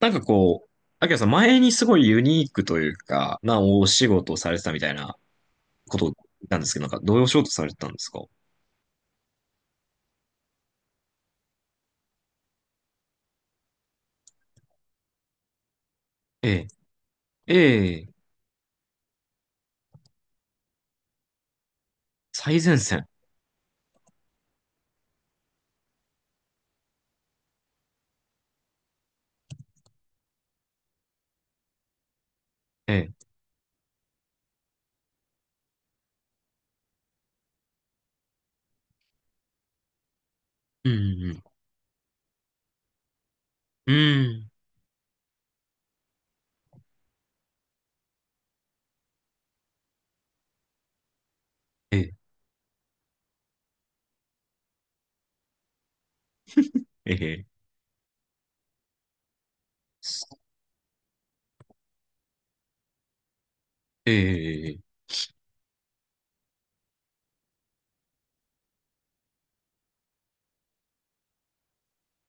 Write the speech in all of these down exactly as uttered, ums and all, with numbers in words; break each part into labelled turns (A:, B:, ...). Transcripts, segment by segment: A: なんかこう、あきらさん前にすごいユニークというか、なお仕事をされてたみたいなことを聞いたんですけど、なんかどういうお仕事されてたんですか？ええ、ええ、最前線。ええ、うん、うん、うん、ええ、ええ、す、ええ、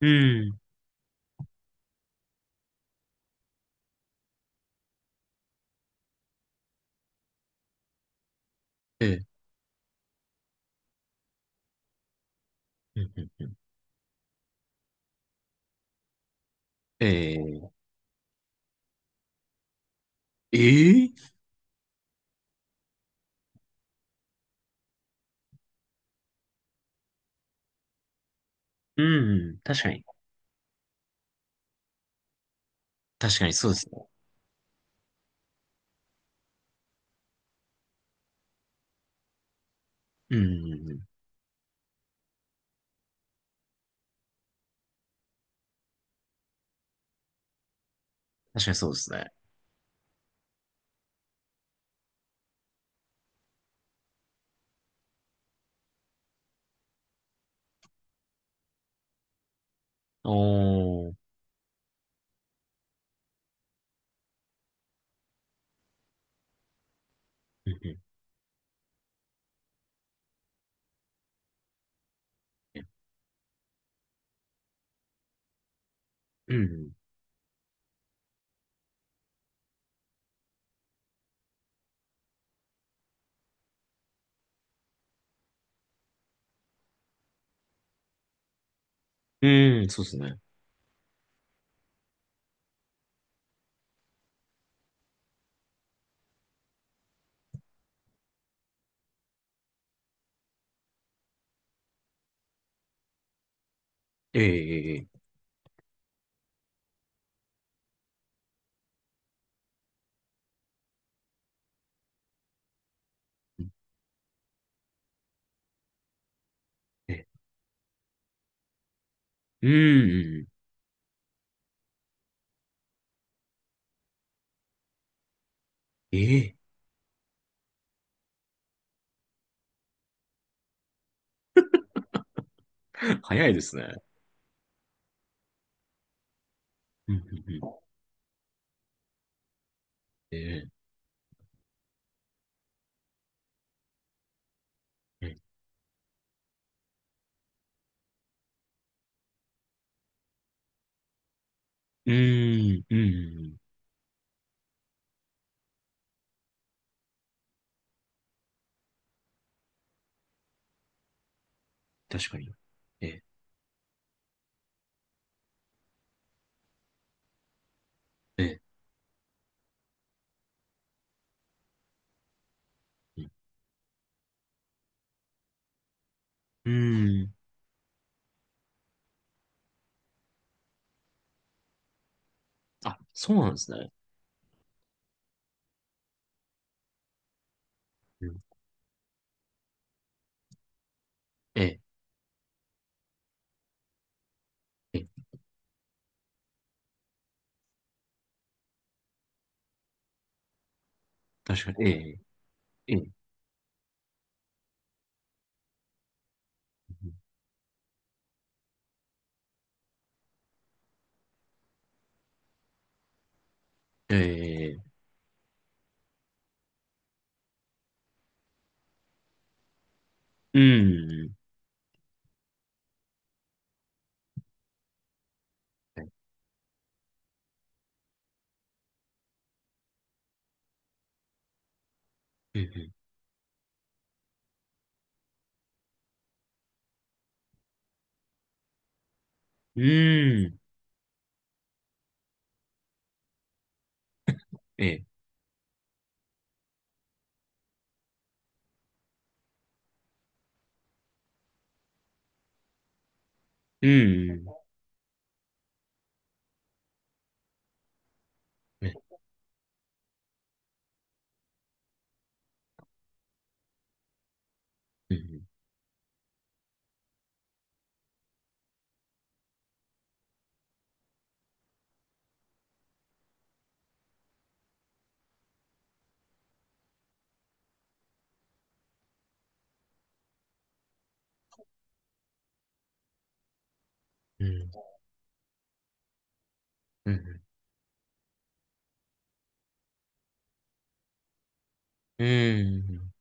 A: うん、ええ、うん、うん、ええ、ええ、うん、確かに。確かにそうですね。うん、うん、確かにそうですね。おー、うん、うん、うん、うん、そうですね。ええ、ええ、ええ、うん、うん、ええ、 早いですね。うん、うん、うん、ええ、ええ、うーん、うん、うん、うん、確かに。ええ、ええ、うん、うーん。あ、そうなんですね。うん、ええ、ええ、確かに。ええ、ええ、ええ、うん、はい、うん、うん、うん、ええ、うん、ええ、うん、うん、うん、うん、うん、ええ、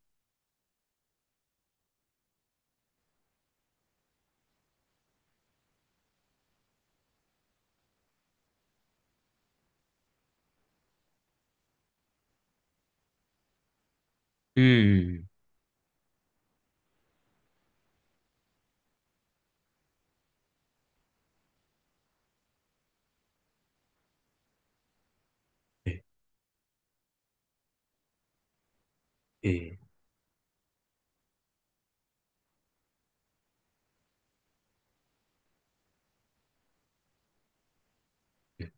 A: ええ、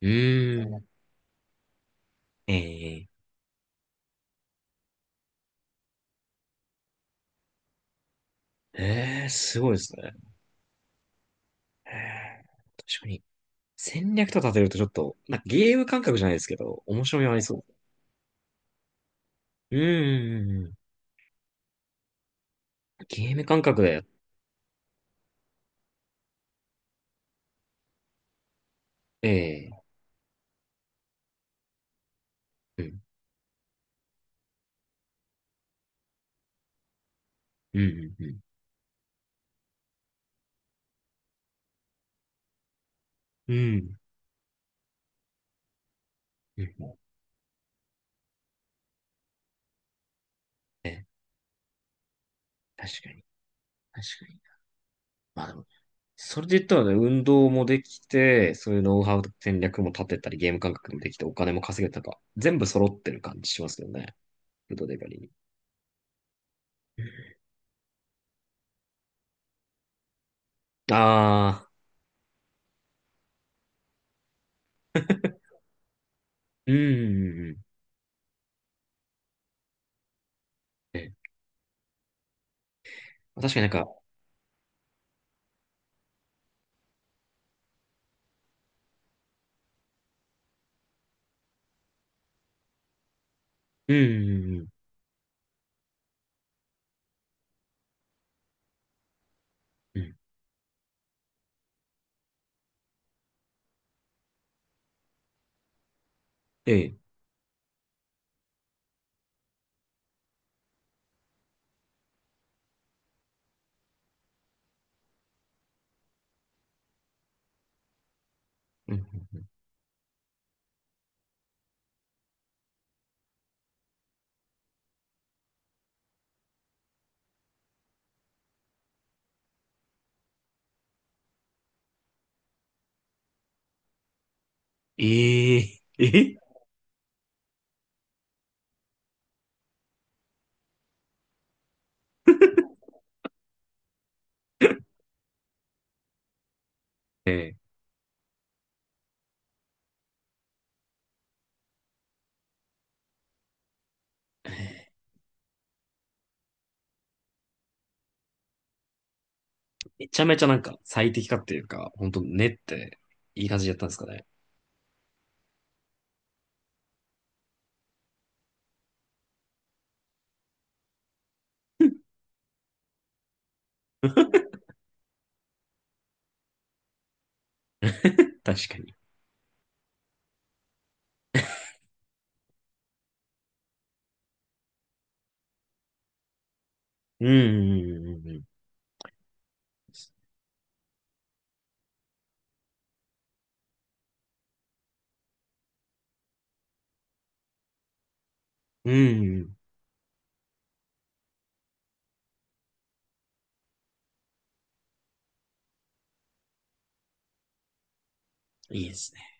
A: うん、ええ、ええ、すごいですね。ええ、確かに。戦略と立てるとちょっと、なんかゲーム感覚じゃないですけど、面白みはありそう。うん、うん、うん、うん。ゲーム感覚で、ええ、うん、うん、うん、うん。うん、うん、ええ、確かに、確かに。まあでも、それで言ったらね、運動もできて、そういうノウハウと戦略も立てたり、ゲーム感覚もできて、お金も稼げたか、全部揃ってる感じしますよね。フードデリバリーに。ああ、うん、うん、うん。ええ、確かになんか、うん、うん、うん。うん、ええ、うん、ええ、ええ、ええ、めちゃめちゃなんか最適化っていうか、ほんと練っていい感じでやったんですかね。確かに。うん、うん、うん、うん。うん、うん、いいですね。